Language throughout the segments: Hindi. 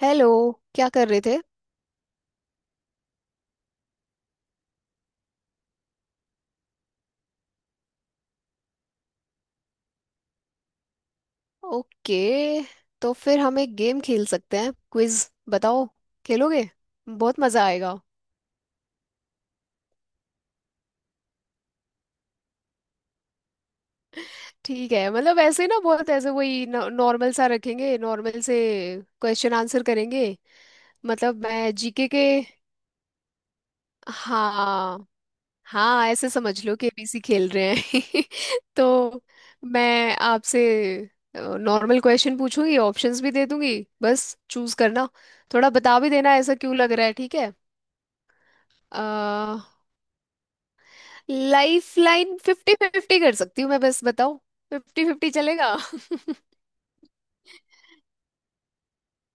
हेलो। क्या कर रहे थे? ओके। तो फिर हम एक गेम खेल सकते हैं, क्विज। बताओ, खेलोगे? बहुत मजा आएगा। ठीक है, मतलब ऐसे ना बहुत ऐसे वही नॉर्मल सा रखेंगे, नॉर्मल से क्वेश्चन आंसर करेंगे। मतलब मैं जीके के। हाँ। हाँ ऐसे समझ लो कि एबीसी खेल रहे हैं। तो मैं आपसे नॉर्मल क्वेश्चन पूछूंगी, ऑप्शंस भी दे दूंगी। बस चूज करना, थोड़ा बता भी देना ऐसा क्यों लग रहा है। ठीक है। आ, लाइफ लाइन फिफ्टी फिफ्टी कर सकती हूँ मैं, बस बताओ। फिफ्टी फिफ्टी चलेगा?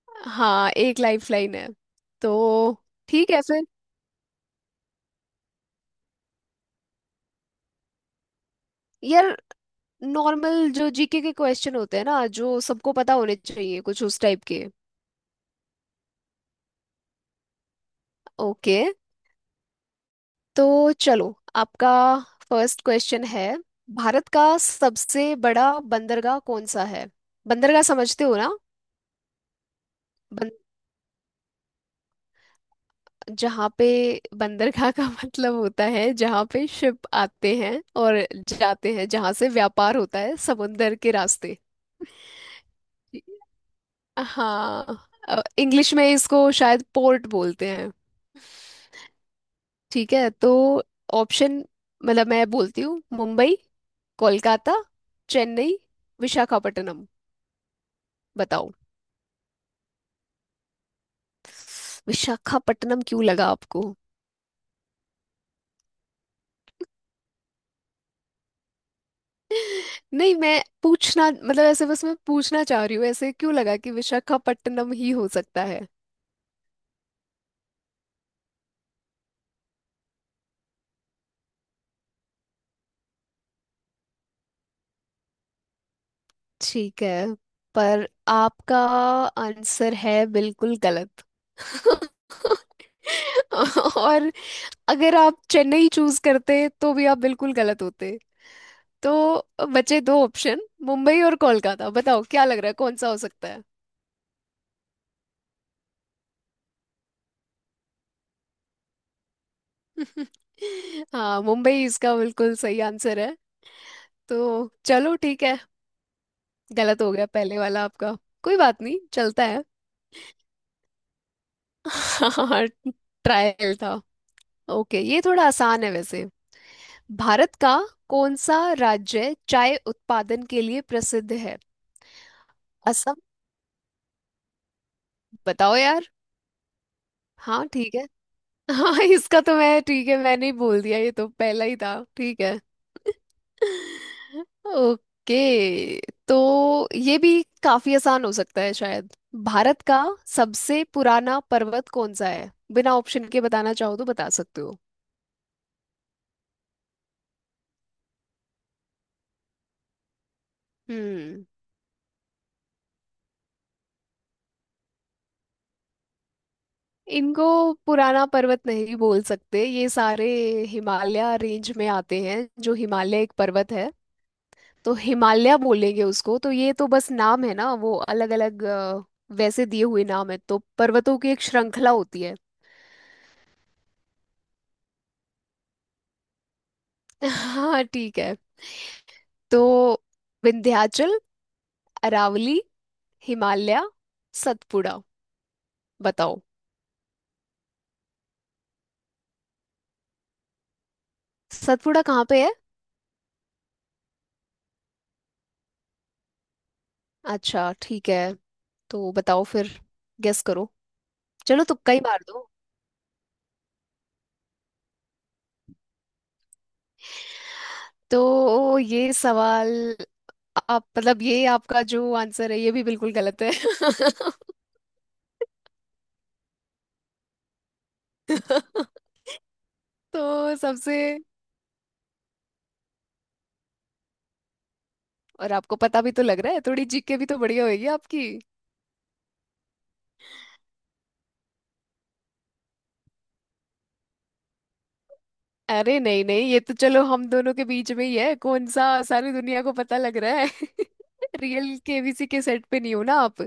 हाँ एक लाइफ लाइन है। तो ठीक है फिर। यार, नॉर्मल जो जीके के क्वेश्चन होते हैं ना, जो सबको पता होने चाहिए, कुछ उस टाइप के। ओके। तो चलो, आपका फर्स्ट क्वेश्चन है। भारत का सबसे बड़ा बंदरगाह कौन सा है? बंदरगाह समझते हो ना? जहाँ पे बंदरगाह का मतलब होता है जहाँ पे शिप आते हैं और जाते हैं, जहाँ से व्यापार होता है समुंदर के रास्ते। हाँ इंग्लिश में इसको शायद पोर्ट बोलते हैं। ठीक है। तो ऑप्शन, मतलब मैं बोलती हूँ, मुंबई, कोलकाता, चेन्नई, विशाखापट्टनम। बताओ। विशाखापट्टनम क्यों लगा आपको? नहीं मैं पूछना मतलब ऐसे बस मैं पूछना चाह रही हूँ ऐसे क्यों लगा कि विशाखापट्टनम ही हो सकता है। ठीक है, पर आपका आंसर है बिल्कुल गलत। और अगर आप चेन्नई चूज करते तो भी आप बिल्कुल गलत होते। तो बचे दो ऑप्शन, मुंबई और कोलकाता। बताओ क्या लग रहा है कौन सा हो सकता है। हाँ मुंबई इसका बिल्कुल सही आंसर है। तो चलो ठीक है, गलत हो गया पहले वाला आपका, कोई बात नहीं, चलता है। हाँ ट्रायल था। ओके, ये थोड़ा आसान है वैसे। भारत का कौन सा राज्य चाय उत्पादन के लिए प्रसिद्ध है? असम। बताओ यार। हाँ ठीक है। हाँ इसका तो मैं ठीक है, मैंने ही बोल दिया, ये तो पहला ही था ठीक है। ओके। तो ये भी काफी आसान हो सकता है शायद। भारत का सबसे पुराना पर्वत कौन सा है? बिना ऑप्शन के बताना चाहो तो बता सकते हो। हम्म। इनको पुराना पर्वत नहीं बोल सकते, ये सारे हिमालय रेंज में आते हैं, जो हिमालय एक पर्वत है। तो हिमालय बोलेंगे उसको, तो ये तो बस नाम है ना वो अलग अलग वैसे दिए हुए नाम है, तो पर्वतों की एक श्रृंखला होती है। हाँ ठीक है। तो विंध्याचल, अरावली, हिमालय, सतपुड़ा। बताओ। सतपुड़ा कहाँ पे है? अच्छा, ठीक है। तो बताओ फिर, गेस करो, चलो तुक्का ही मार दो। तो ये सवाल आप मतलब ये आपका जो आंसर है ये भी बिल्कुल गलत है। तो सबसे और आपको पता भी तो लग रहा है थोड़ी, जीके भी तो बढ़िया होगी आपकी। अरे नहीं नहीं, ये तो चलो हम दोनों के बीच में ही है, कौन सा सारी दुनिया को पता लग रहा है। रियल केबीसी के सेट पे नहीं हो ना आप।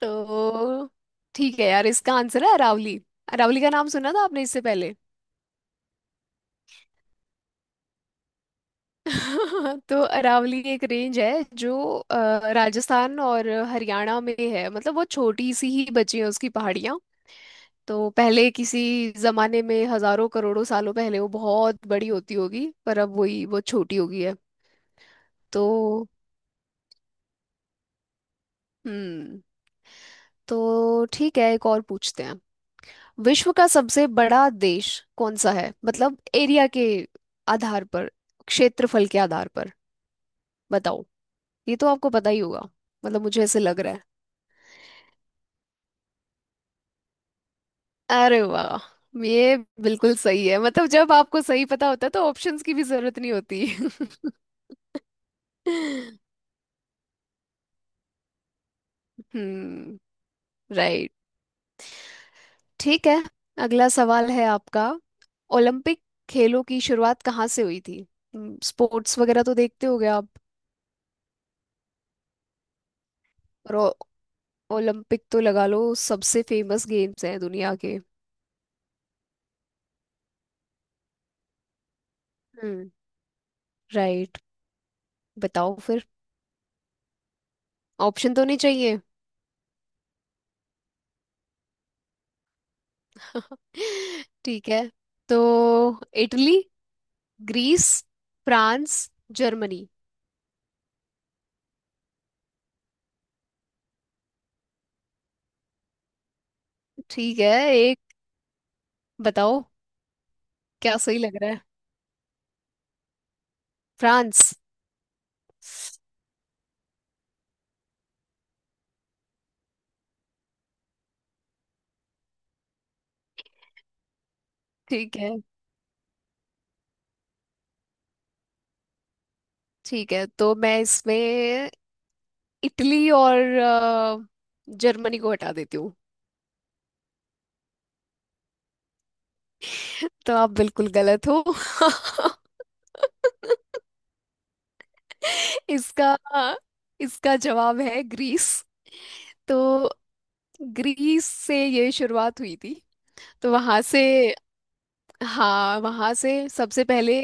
तो ठीक है यार, इसका आंसर है अरावली। अरावली का नाम सुना था आपने इससे पहले? तो अरावली एक रेंज है जो राजस्थान और हरियाणा में है, मतलब वो छोटी सी ही बची है उसकी पहाड़ियाँ। तो पहले किसी जमाने में हजारों करोड़ों सालों पहले वो बहुत बड़ी होती होगी, पर अब वही वो छोटी हो गई है। तो हम्म। तो ठीक है एक और पूछते हैं। विश्व का सबसे बड़ा देश कौन सा है? मतलब एरिया के आधार पर, क्षेत्रफल के आधार पर। बताओ, ये तो आपको पता ही होगा, मतलब मुझे ऐसे लग रहा है। अरे वाह, ये बिल्कुल सही है, मतलब जब आपको सही पता होता है तो ऑप्शंस की भी जरूरत नहीं होती। हम्म। राइट ठीक है। अगला सवाल है आपका। ओलंपिक खेलों की शुरुआत कहाँ से हुई थी? स्पोर्ट्स वगैरह तो देखते होगे आप। और ओलंपिक तो लगा लो सबसे फेमस गेम्स हैं दुनिया के। हम्म। राइट। बताओ फिर, ऑप्शन तो नहीं चाहिए? ठीक है, तो इटली, ग्रीस, फ्रांस, जर्मनी। ठीक है। एक बताओ क्या सही लग रहा है। फ्रांस? ठीक है। ठीक है तो मैं इसमें इटली और जर्मनी को हटा देती हूँ। तो आप बिल्कुल गलत हो। इसका इसका जवाब है ग्रीस। तो ग्रीस से ये शुरुआत हुई थी। तो वहां से। हाँ वहां से सबसे पहले।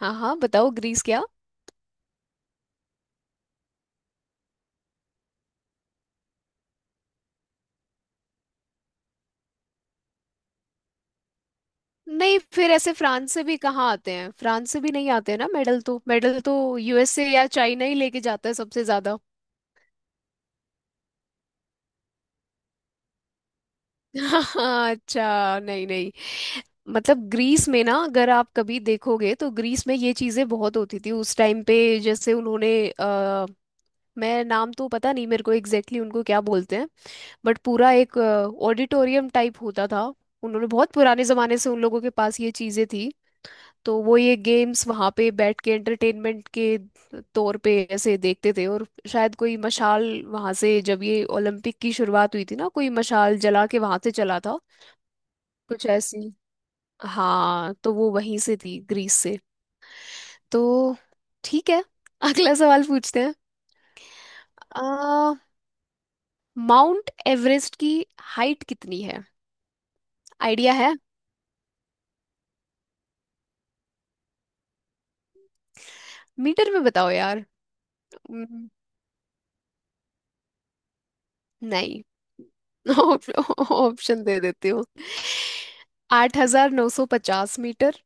हाँ हाँ बताओ ग्रीस क्या। नहीं फिर ऐसे फ्रांस से भी कहाँ आते हैं, फ्रांस से भी नहीं आते हैं ना मेडल तो यूएसए या चाइना ही लेके जाता है सबसे ज्यादा। हाँ अच्छा नहीं नहीं, मतलब ग्रीस में ना अगर आप कभी देखोगे तो ग्रीस में ये चीजें बहुत होती थी उस टाइम पे, जैसे उन्होंने मैं नाम तो पता नहीं मेरे को एग्जैक्टली exactly उनको क्या बोलते हैं, बट पूरा एक ऑडिटोरियम टाइप होता था। उन्होंने बहुत पुराने जमाने से उन लोगों के पास ये चीजें थी, तो वो ये गेम्स वहाँ पे बैठ के एंटरटेनमेंट के तौर पे ऐसे देखते थे, और शायद कोई मशाल वहाँ से, जब ये ओलंपिक की शुरुआत हुई थी ना, कोई मशाल जला के वहाँ से चला था कुछ ऐसी। हाँ तो वो वहीं से थी ग्रीस से। तो ठीक है। अगला सवाल पूछते हैं। आ, माउंट एवरेस्ट की हाइट कितनी है? आइडिया है? मीटर में बताओ यार। हम्म, नहीं। ऑप्शन दे देती हूँ। 8,950 मीटर,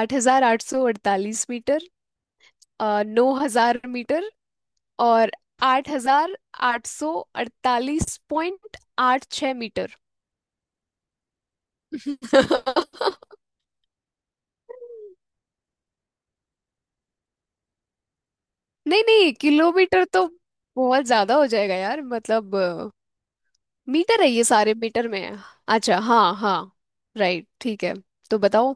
8,848 मीटर, 9,000 मीटर, और 8,848.86 मीटर। नहीं नहीं, किलोमीटर तो बहुत ज्यादा हो जाएगा यार, मतलब मीटर है, ये सारे मीटर में है। अच्छा हाँ हाँ, राइट ठीक है। तो बताओ,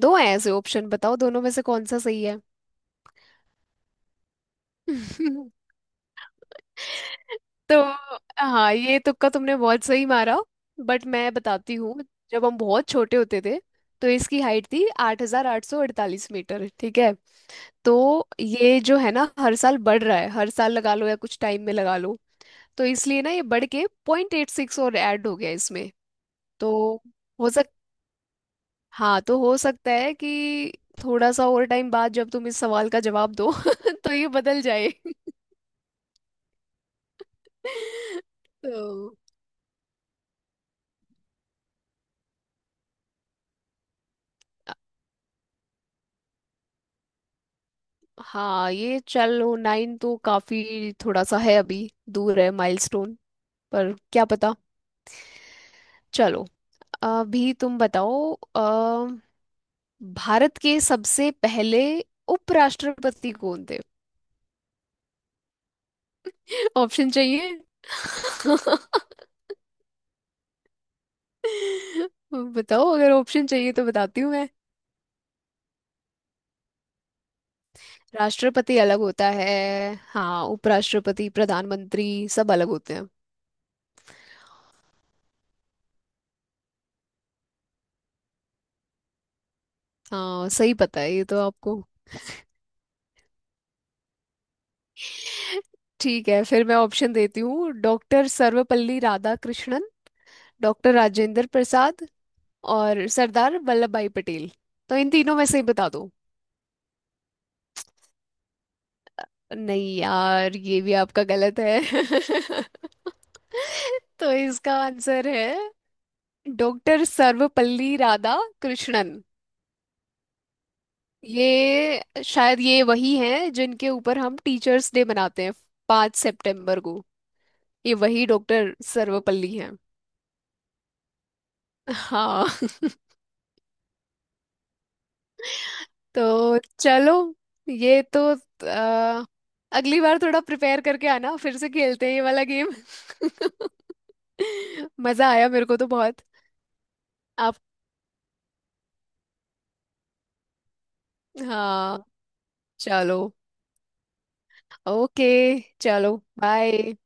दो हैं ऐसे ऑप्शन, बताओ दोनों में से कौन सा सही है। तो हाँ, ये तुक्का तुमने बहुत सही मारा, बट मैं बताती हूँ, जब हम बहुत छोटे होते थे तो इसकी हाइट थी 8,848 मीटर, ठीक है। तो ये जो है ना हर साल बढ़ रहा है, हर साल लगा लो या कुछ टाइम में लगा लो, तो इसलिए ना ये बढ़ के .86 और ऐड हो गया इसमें। तो हो सक हाँ तो हो सकता है कि थोड़ा सा और टाइम बाद जब तुम इस सवाल का जवाब दो तो ये बदल जाए। तो हाँ ये चलो, नाइन तो काफी थोड़ा सा है, अभी दूर है माइलस्टोन, पर क्या पता। चलो, अभी तुम बताओ, भारत के सबसे पहले उपराष्ट्रपति कौन थे? ऑप्शन चाहिए? बताओ, अगर ऑप्शन चाहिए तो बताती हूँ मैं। राष्ट्रपति अलग होता है, हाँ उपराष्ट्रपति प्रधानमंत्री सब अलग होते हैं। हाँ सही पता है ये तो आपको। ठीक है फिर मैं ऑप्शन देती हूँ, डॉक्टर सर्वपल्ली राधाकृष्णन, डॉक्टर राजेंद्र प्रसाद, और सरदार वल्लभ भाई पटेल। तो इन तीनों में से ही बता दो। नहीं यार, ये भी आपका गलत है। तो इसका आंसर है डॉक्टर सर्वपल्ली राधा कृष्णन। ये शायद ये वही हैं जिनके ऊपर हम टीचर्स डे मनाते हैं, 5 सितंबर को। ये वही डॉक्टर सर्वपल्ली हैं। हाँ। तो चलो, ये तो अ, अगली बार थोड़ा प्रिपेयर करके आना, फिर से खेलते हैं ये वाला गेम। मजा आया मेरे को तो बहुत। आप? हाँ। चलो। ओके, चलो बाय।